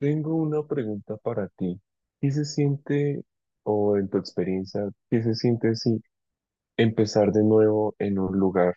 Tengo una pregunta para ti. ¿Qué se siente, o en tu experiencia, qué se siente si empezar de nuevo en un lugar?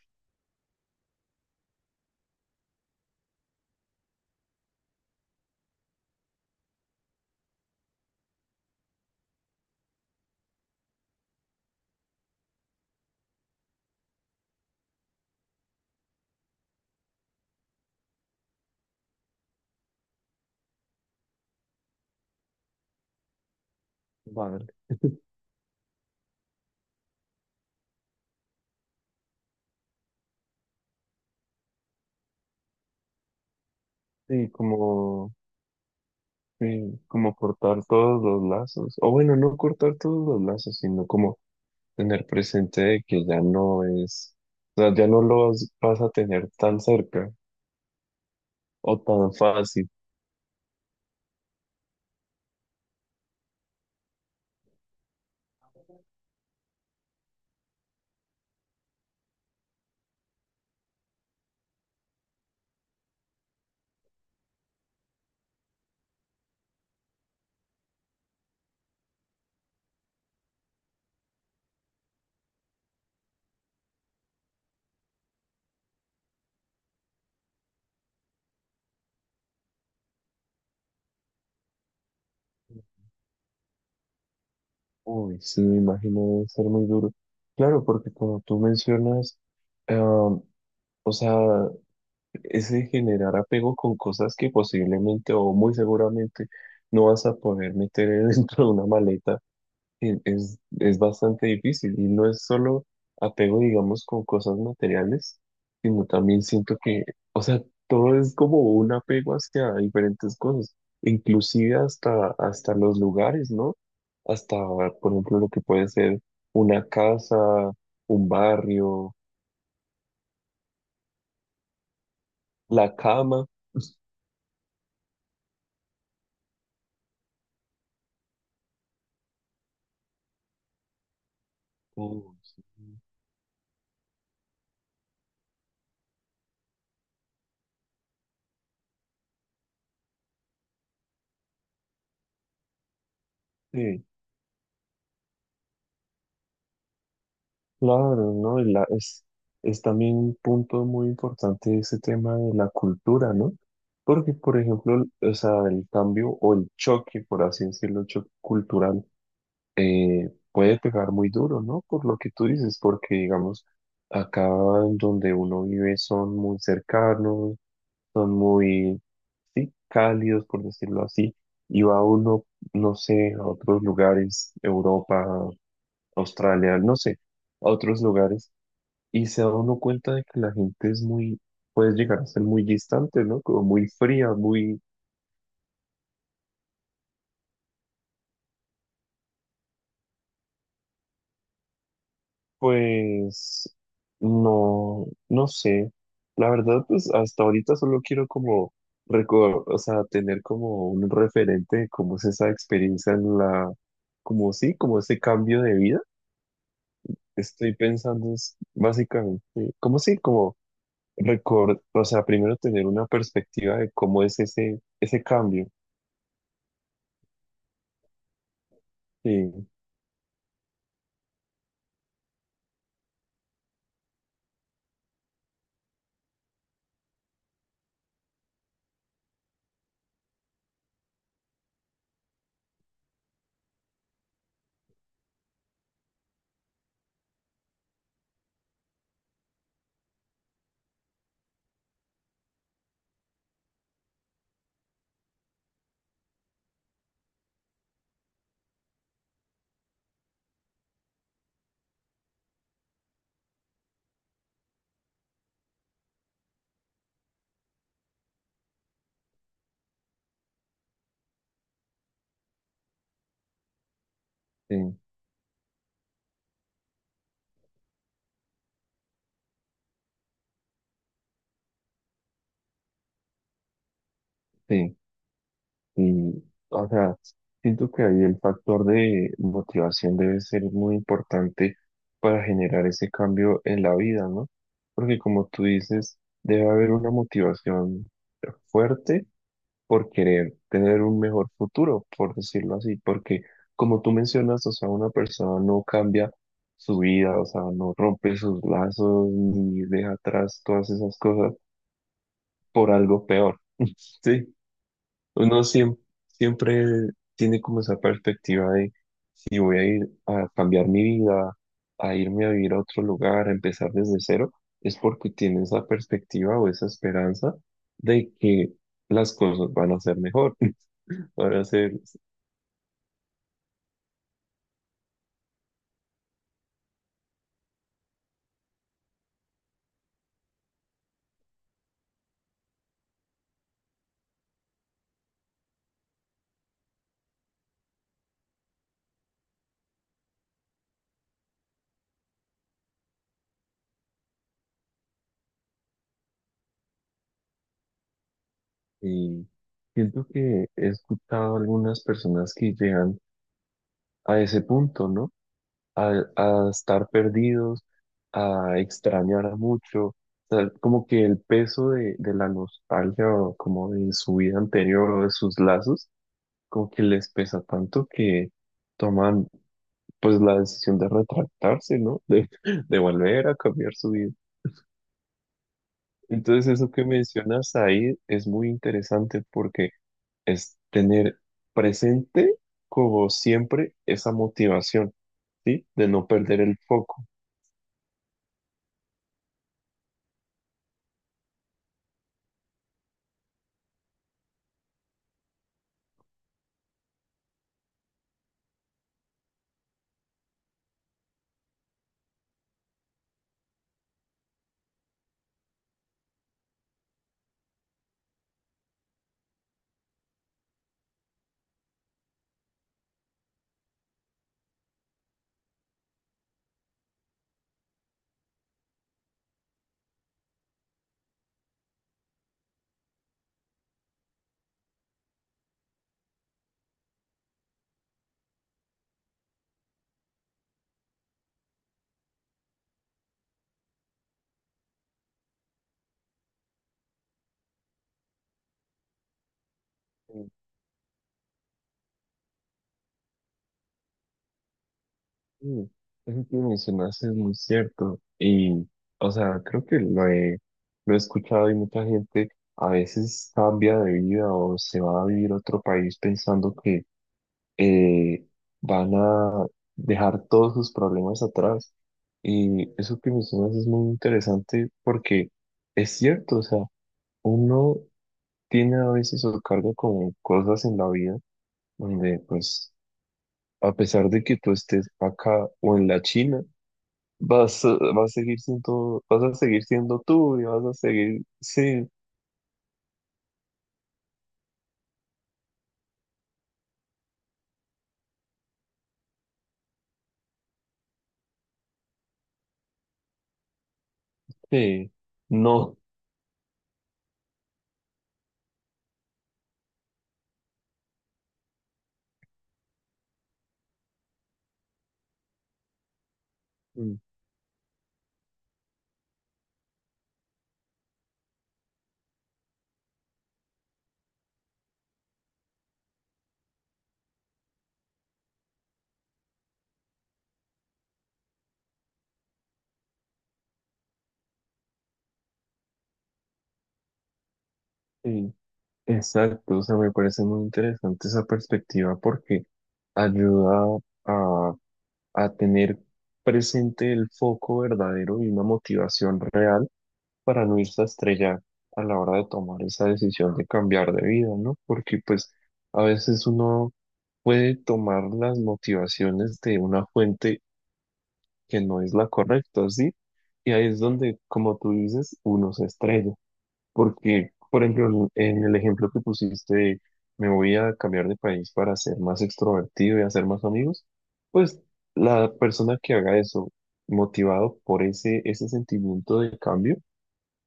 Vale. Sí, como, sí, como cortar todos los lazos. O bueno, no cortar todos los lazos, sino como tener presente de que ya no es, o sea, ya no lo vas, vas a tener tan cerca o tan fácil. Uy, sí, me imagino debe ser muy duro. Claro, porque como tú mencionas, ah, o sea, ese generar apego con cosas que posiblemente o muy seguramente no vas a poder meter dentro de una maleta es bastante difícil y no es solo apego, digamos, con cosas materiales, sino también siento que, o sea, todo es como un apego hacia diferentes cosas, inclusive hasta los lugares, ¿no? Hasta, por ejemplo, lo que puede ser una casa, un barrio, la cama. O, sí. Claro, ¿no? Es también un punto muy importante ese tema de la cultura, ¿no? Porque, por ejemplo, o sea, el cambio o el choque, por así decirlo, el choque cultural, puede pegar muy duro, ¿no? Por lo que tú dices, porque, digamos, acá en donde uno vive son muy cercanos, son muy, sí, cálidos, por decirlo así, y va uno, no sé, a otros lugares, Europa, Australia, no sé, a otros lugares y se da uno cuenta de que la gente es muy, puede llegar a ser muy distante, ¿no? Como muy fría, muy, pues, no sé. La verdad, pues hasta ahorita solo quiero como recordar, o sea, tener como un referente de cómo es esa experiencia en la, como sí, como ese cambio de vida. Estoy pensando es básicamente, como sí, como recordar, o sea, primero tener una perspectiva de cómo es ese cambio. Sí, sí, sí. Y, o sea, siento que ahí el factor de motivación debe ser muy importante para generar ese cambio en la vida, ¿no? Porque como tú dices, debe haber una motivación fuerte por querer tener un mejor futuro, por decirlo así, porque como tú mencionas, o sea, una persona no cambia su vida, o sea, no rompe sus lazos ni deja atrás todas esas cosas por algo peor, ¿sí? Uno siem- Siempre tiene como esa perspectiva de si voy a ir a cambiar mi vida, a irme a vivir a otro lugar, a empezar desde cero, es porque tiene esa perspectiva o esa esperanza de que las cosas van a ser mejor, van a ser, y siento que he escuchado a algunas personas que llegan a ese punto, ¿no? A estar perdidos, a extrañar mucho. O sea, como que el peso de la nostalgia o como de su vida anterior o de sus lazos, como que les pesa tanto que toman pues la decisión de retractarse, ¿no? De volver a cambiar su vida. Entonces eso que mencionas ahí es muy interesante porque es tener presente como siempre esa motivación, ¿sí? De no perder el foco. Mm, eso que mencionaste es muy cierto. Y, o sea, creo que lo he escuchado y mucha gente a veces cambia de vida o se va a vivir a otro país pensando que eh, van a dejar todos sus problemas atrás. Y eso que mencionas es muy interesante porque es cierto, o sea, uno tiene a veces su cargo con cosas en la vida donde, pues, a pesar de que tú estés acá o en la China, vas a seguir siendo, vas a seguir siendo tú y vas a seguir, sí, sí, no, mm, sí, exacto, o sea, me parece muy interesante esa perspectiva porque ayuda a, a tener presente el foco verdadero y una motivación real para no irse a estrellar a la hora de tomar esa decisión de cambiar de vida, ¿no? Porque pues a veces uno puede tomar las motivaciones de una fuente que no es la correcta, ¿sí? Y ahí es donde, como tú dices, uno se estrella. Porque, por ejemplo, en el ejemplo que pusiste de me voy a cambiar de país para ser más extrovertido y hacer más amigos, pues la persona que haga eso, motivado por ese sentimiento de cambio,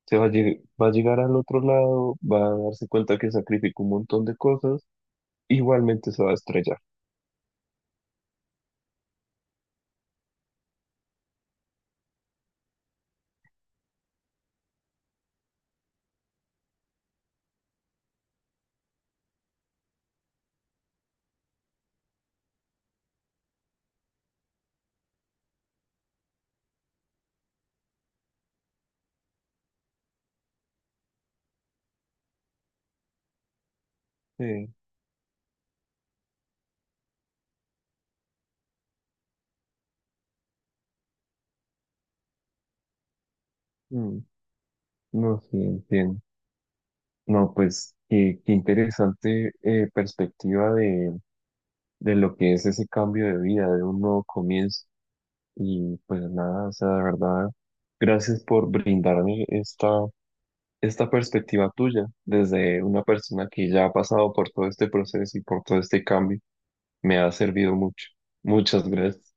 se va a, lleg- va a llegar al otro lado, va a darse cuenta que sacrificó un montón de cosas, igualmente se va a estrellar. Sí, mm, no, sí, entiendo. No, pues qué, qué interesante perspectiva de lo que es ese cambio de vida, de un nuevo comienzo. Y pues nada, o sea, de verdad, gracias por brindarme esta, esta perspectiva tuya desde una persona que ya ha pasado por todo este proceso y por todo este cambio. Me ha servido mucho. Muchas gracias.